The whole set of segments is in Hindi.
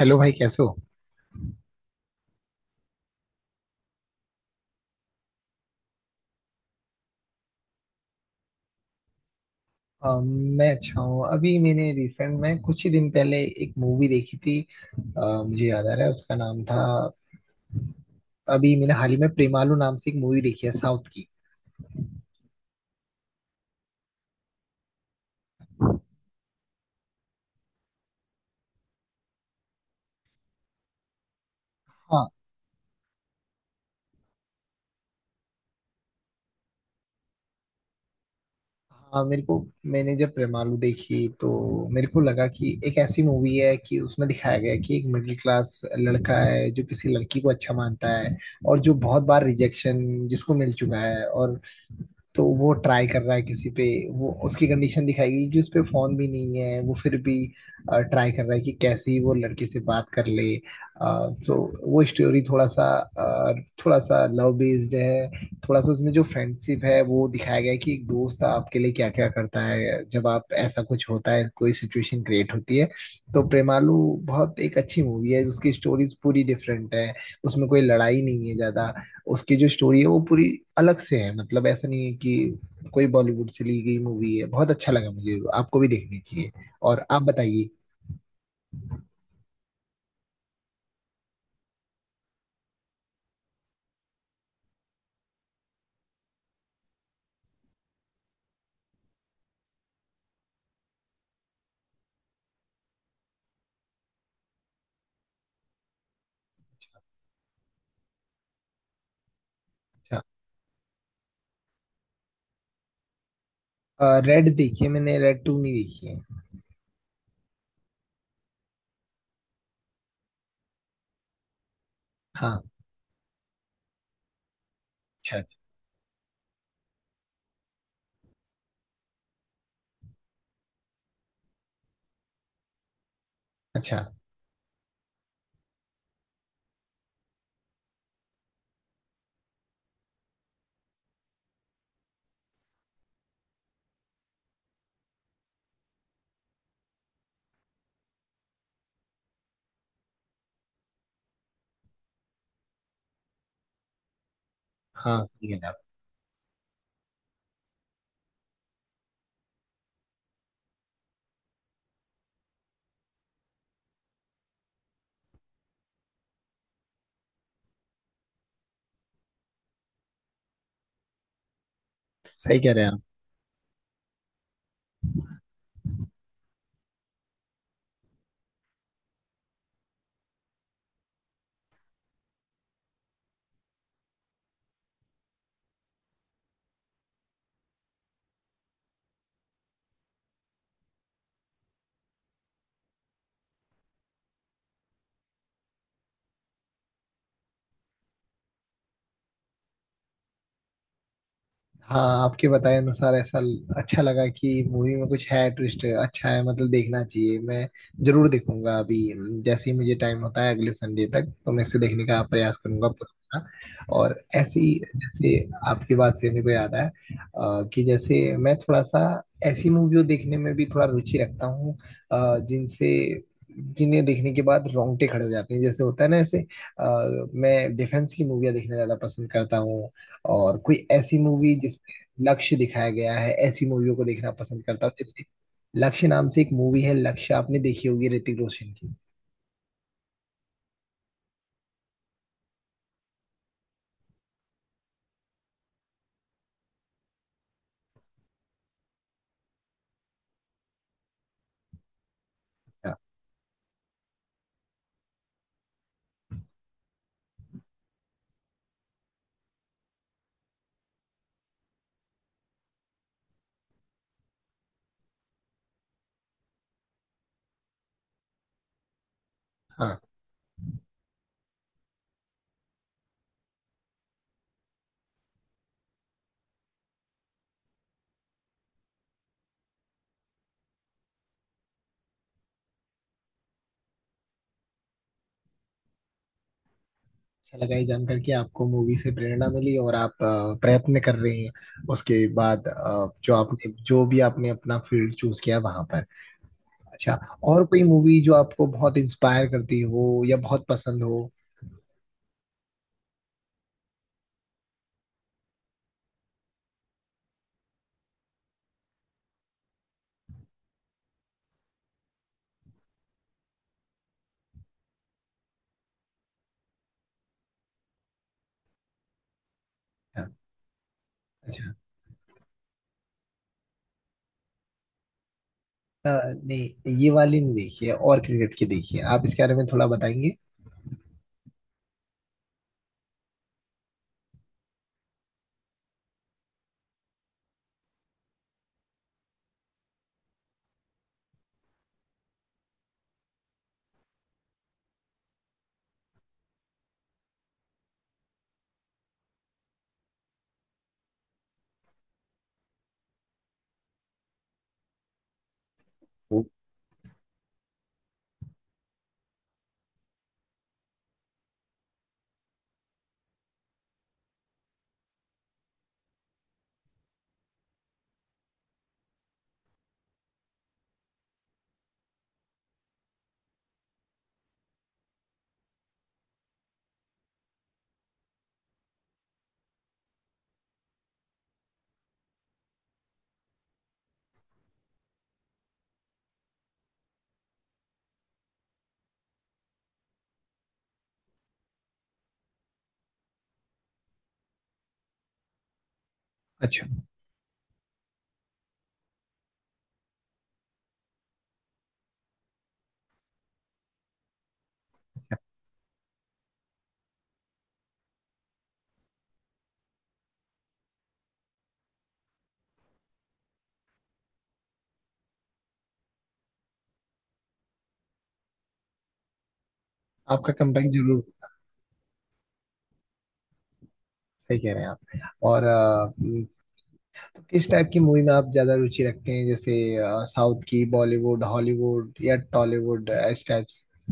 हेलो भाई, कैसे हो? अ, मैं अच्छा हूँ। अभी मैंने रिसेंट में कुछ ही दिन पहले एक मूवी देखी थी। अ, मुझे याद आ रहा है उसका नाम था। अभी मैंने हाल ही में प्रेमालू नाम से एक मूवी देखी है साउथ की। हाँ। हाँ, मेरे को मैंने जब प्रेमालू देखी तो मेरे को लगा कि एक ऐसी मूवी है कि उसमें दिखाया गया है कि एक मिडिल क्लास लड़का है जो किसी लड़की को अच्छा मानता है। और जो बहुत बार रिजेक्शन जिसको मिल चुका है, और तो वो ट्राई कर रहा है किसी पे। वो उसकी कंडीशन दिखाएगी कि उस पे फोन भी नहीं है, वो फिर भी ट्राई कर रहा है कि कैसे ही वो लड़के से बात कर ले। सो वो स्टोरी अ, थोड़ा सा लव बेस्ड है, थोड़ा सा उसमें जो फ्रेंडशिप है वो दिखाया गया है कि एक दोस्त आपके लिए क्या क्या करता है जब आप ऐसा कुछ होता है, कोई सिचुएशन क्रिएट होती है। तो प्रेमालू बहुत एक अच्छी मूवी है, उसकी स्टोरीज पूरी डिफरेंट है। उसमें कोई लड़ाई नहीं है ज्यादा। उसकी जो स्टोरी है वो पूरी अलग से है, मतलब ऐसा नहीं है कि कोई बॉलीवुड से ली गई मूवी है। बहुत अच्छा लगा मुझे, आपको भी देखनी चाहिए। और आप बताइए। अच्छा। रेड देखिए, मैंने रेड टू नहीं देखी है। हाँ। अच्छा, अच्छा। अच्छा, हाँ, सही कह रहे हैं आप। सही कह रहे हैं आप। हाँ, आपके बताए अनुसार ऐसा अच्छा लगा कि मूवी में कुछ है, ट्विस्ट अच्छा है, मतलब देखना चाहिए। मैं जरूर देखूंगा। अभी जैसे ही मुझे टाइम होता है, अगले संडे तक तो मैं इसे देखने का प्रयास करूंगा पूरा। और ऐसी जैसे, आपकी बात से मेरे को याद आया, कि जैसे मैं थोड़ा सा ऐसी मूवियों देखने में भी थोड़ा रुचि रखता हूँ। जिनसे जिन्हें देखने के बाद रोंगटे खड़े हो जाते हैं, जैसे होता है ना, ऐसे। अ, मैं डिफेंस की मूवियाँ देखना ज्यादा पसंद करता हूँ। और कोई ऐसी मूवी जिसमें लक्ष्य दिखाया गया है, ऐसी मूवियों को देखना पसंद करता हूँ। जैसे लक्ष्य नाम से एक मूवी है, लक्ष्य आपने देखी होगी ऋतिक रोशन की। हाँ, हाँ। अच्छा लगा ये जानकर कि आपको मूवी से प्रेरणा मिली और आप प्रयत्न कर रहे हैं उसके बाद जो भी आपने अपना फील्ड चूज किया वहां पर। अच्छा। और कोई मूवी जो आपको बहुत इंस्पायर करती हो या बहुत पसंद हो? हाँ। अच्छा। अ, नहीं, ये वाली नहीं देखी है। और क्रिकेट की देखी है, आप इसके बारे में थोड़ा बताएंगे? ओ। अच्छा। आपका कमबैक जरूर। सही कह रहे हैं आप। और किस टाइप की मूवी में आप ज्यादा रुचि रखते हैं? जैसे साउथ की, बॉलीवुड, हॉलीवुड या टॉलीवुड, इस टाइप से।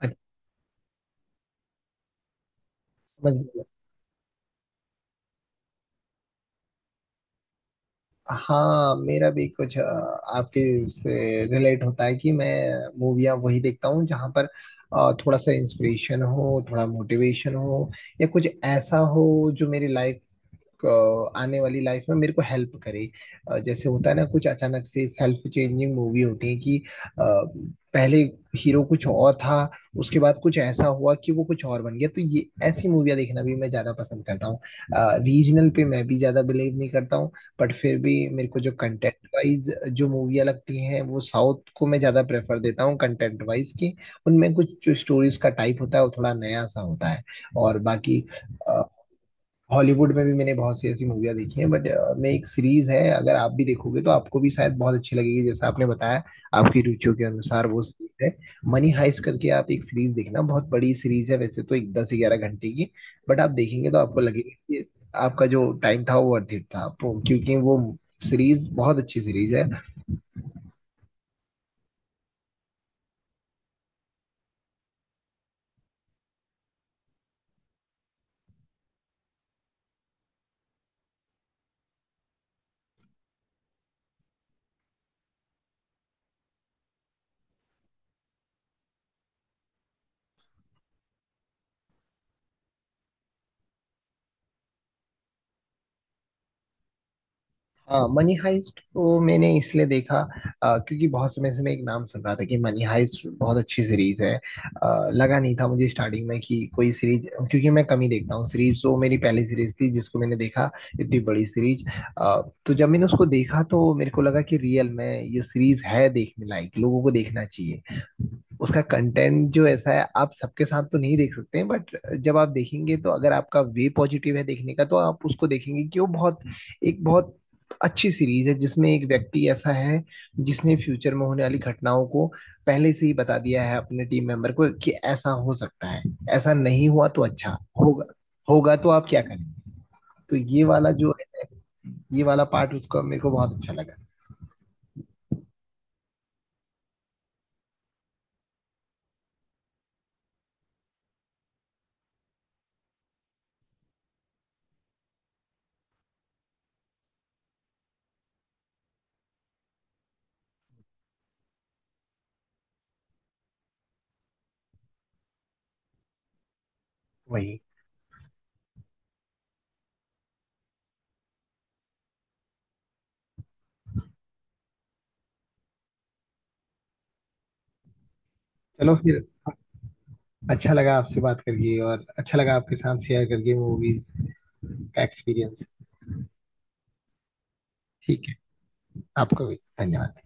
अच्छा, समझ गया। हाँ, मेरा भी कुछ आपके से रिलेट होता है कि मैं मूवियाँ वही देखता हूँ जहाँ पर थोड़ा सा इंस्पिरेशन हो, थोड़ा मोटिवेशन हो, या कुछ ऐसा हो जो आने वाली लाइफ में मेरे को हेल्प करे। जैसे होता है ना, कुछ अचानक से सेल्फ चेंजिंग मूवी होती है कि अ, पहले हीरो कुछ और था, उसके बाद कुछ ऐसा हुआ कि वो कुछ और बन गया। तो ये ऐसी मूवियाँ देखना भी मैं ज्यादा पसंद करता हूँ। रीजनल पे मैं भी ज्यादा बिलीव नहीं करता हूँ, बट फिर भी मेरे को जो कंटेंट वाइज जो मूवियाँ लगती हैं, वो साउथ को मैं ज्यादा प्रेफर देता हूँ कंटेंट वाइज, की उनमें कुछ जो स्टोरीज का टाइप होता है वो थोड़ा नया सा होता है। और बाकी हॉलीवुड में भी मैंने बहुत सी ऐसी मूवियाँ देखी हैं। बट मैं, एक सीरीज है अगर आप भी देखोगे तो आपको भी शायद बहुत अच्छी लगेगी, जैसा आपने बताया आपकी रुचियों के अनुसार वो सीरीज है। मनी हाइस्ट करके आप एक सीरीज देखना। बहुत बड़ी सीरीज है वैसे तो, एक 10 11 घंटे की। बट आप देखेंगे तो आपको लगेगा कि आपका जो टाइम था वो वर्थ इट था। क्योंकि वो सीरीज बहुत अच्छी सीरीज है। हाँ, मनी हाइस्ट को मैंने इसलिए देखा, क्योंकि बहुत समय से मैं एक नाम सुन रहा था कि मनी हाइस्ट बहुत अच्छी सीरीज है। लगा नहीं था मुझे स्टार्टिंग में कि कोई सीरीज, क्योंकि मैं कम ही देखता हूँ सीरीज। तो मेरी पहली सीरीज थी जिसको मैंने देखा, इतनी बड़ी सीरीज। तो जब मैंने उसको देखा तो मेरे को लगा कि रियल में ये सीरीज है देखने लायक, लोगों को देखना चाहिए। उसका कंटेंट जो ऐसा है आप सबके साथ तो नहीं देख सकते हैं, बट जब आप देखेंगे तो अगर आपका वे पॉजिटिव है देखने का, तो आप उसको देखेंगे कि वो बहुत एक बहुत अच्छी सीरीज है, जिसमें एक व्यक्ति ऐसा है जिसने फ्यूचर में होने वाली घटनाओं को पहले से ही बता दिया है अपने टीम मेंबर को कि ऐसा हो सकता है, ऐसा नहीं हुआ तो अच्छा होगा। होगा तो आप क्या करेंगे? तो ये वाला पार्ट उसका मेरे को बहुत अच्छा लगा। वही। चलो फिर, अच्छा लगा आपसे बात करके और अच्छा लगा आपके साथ शेयर करके मूवीज का एक्सपीरियंस। ठीक है। आपका भी धन्यवाद।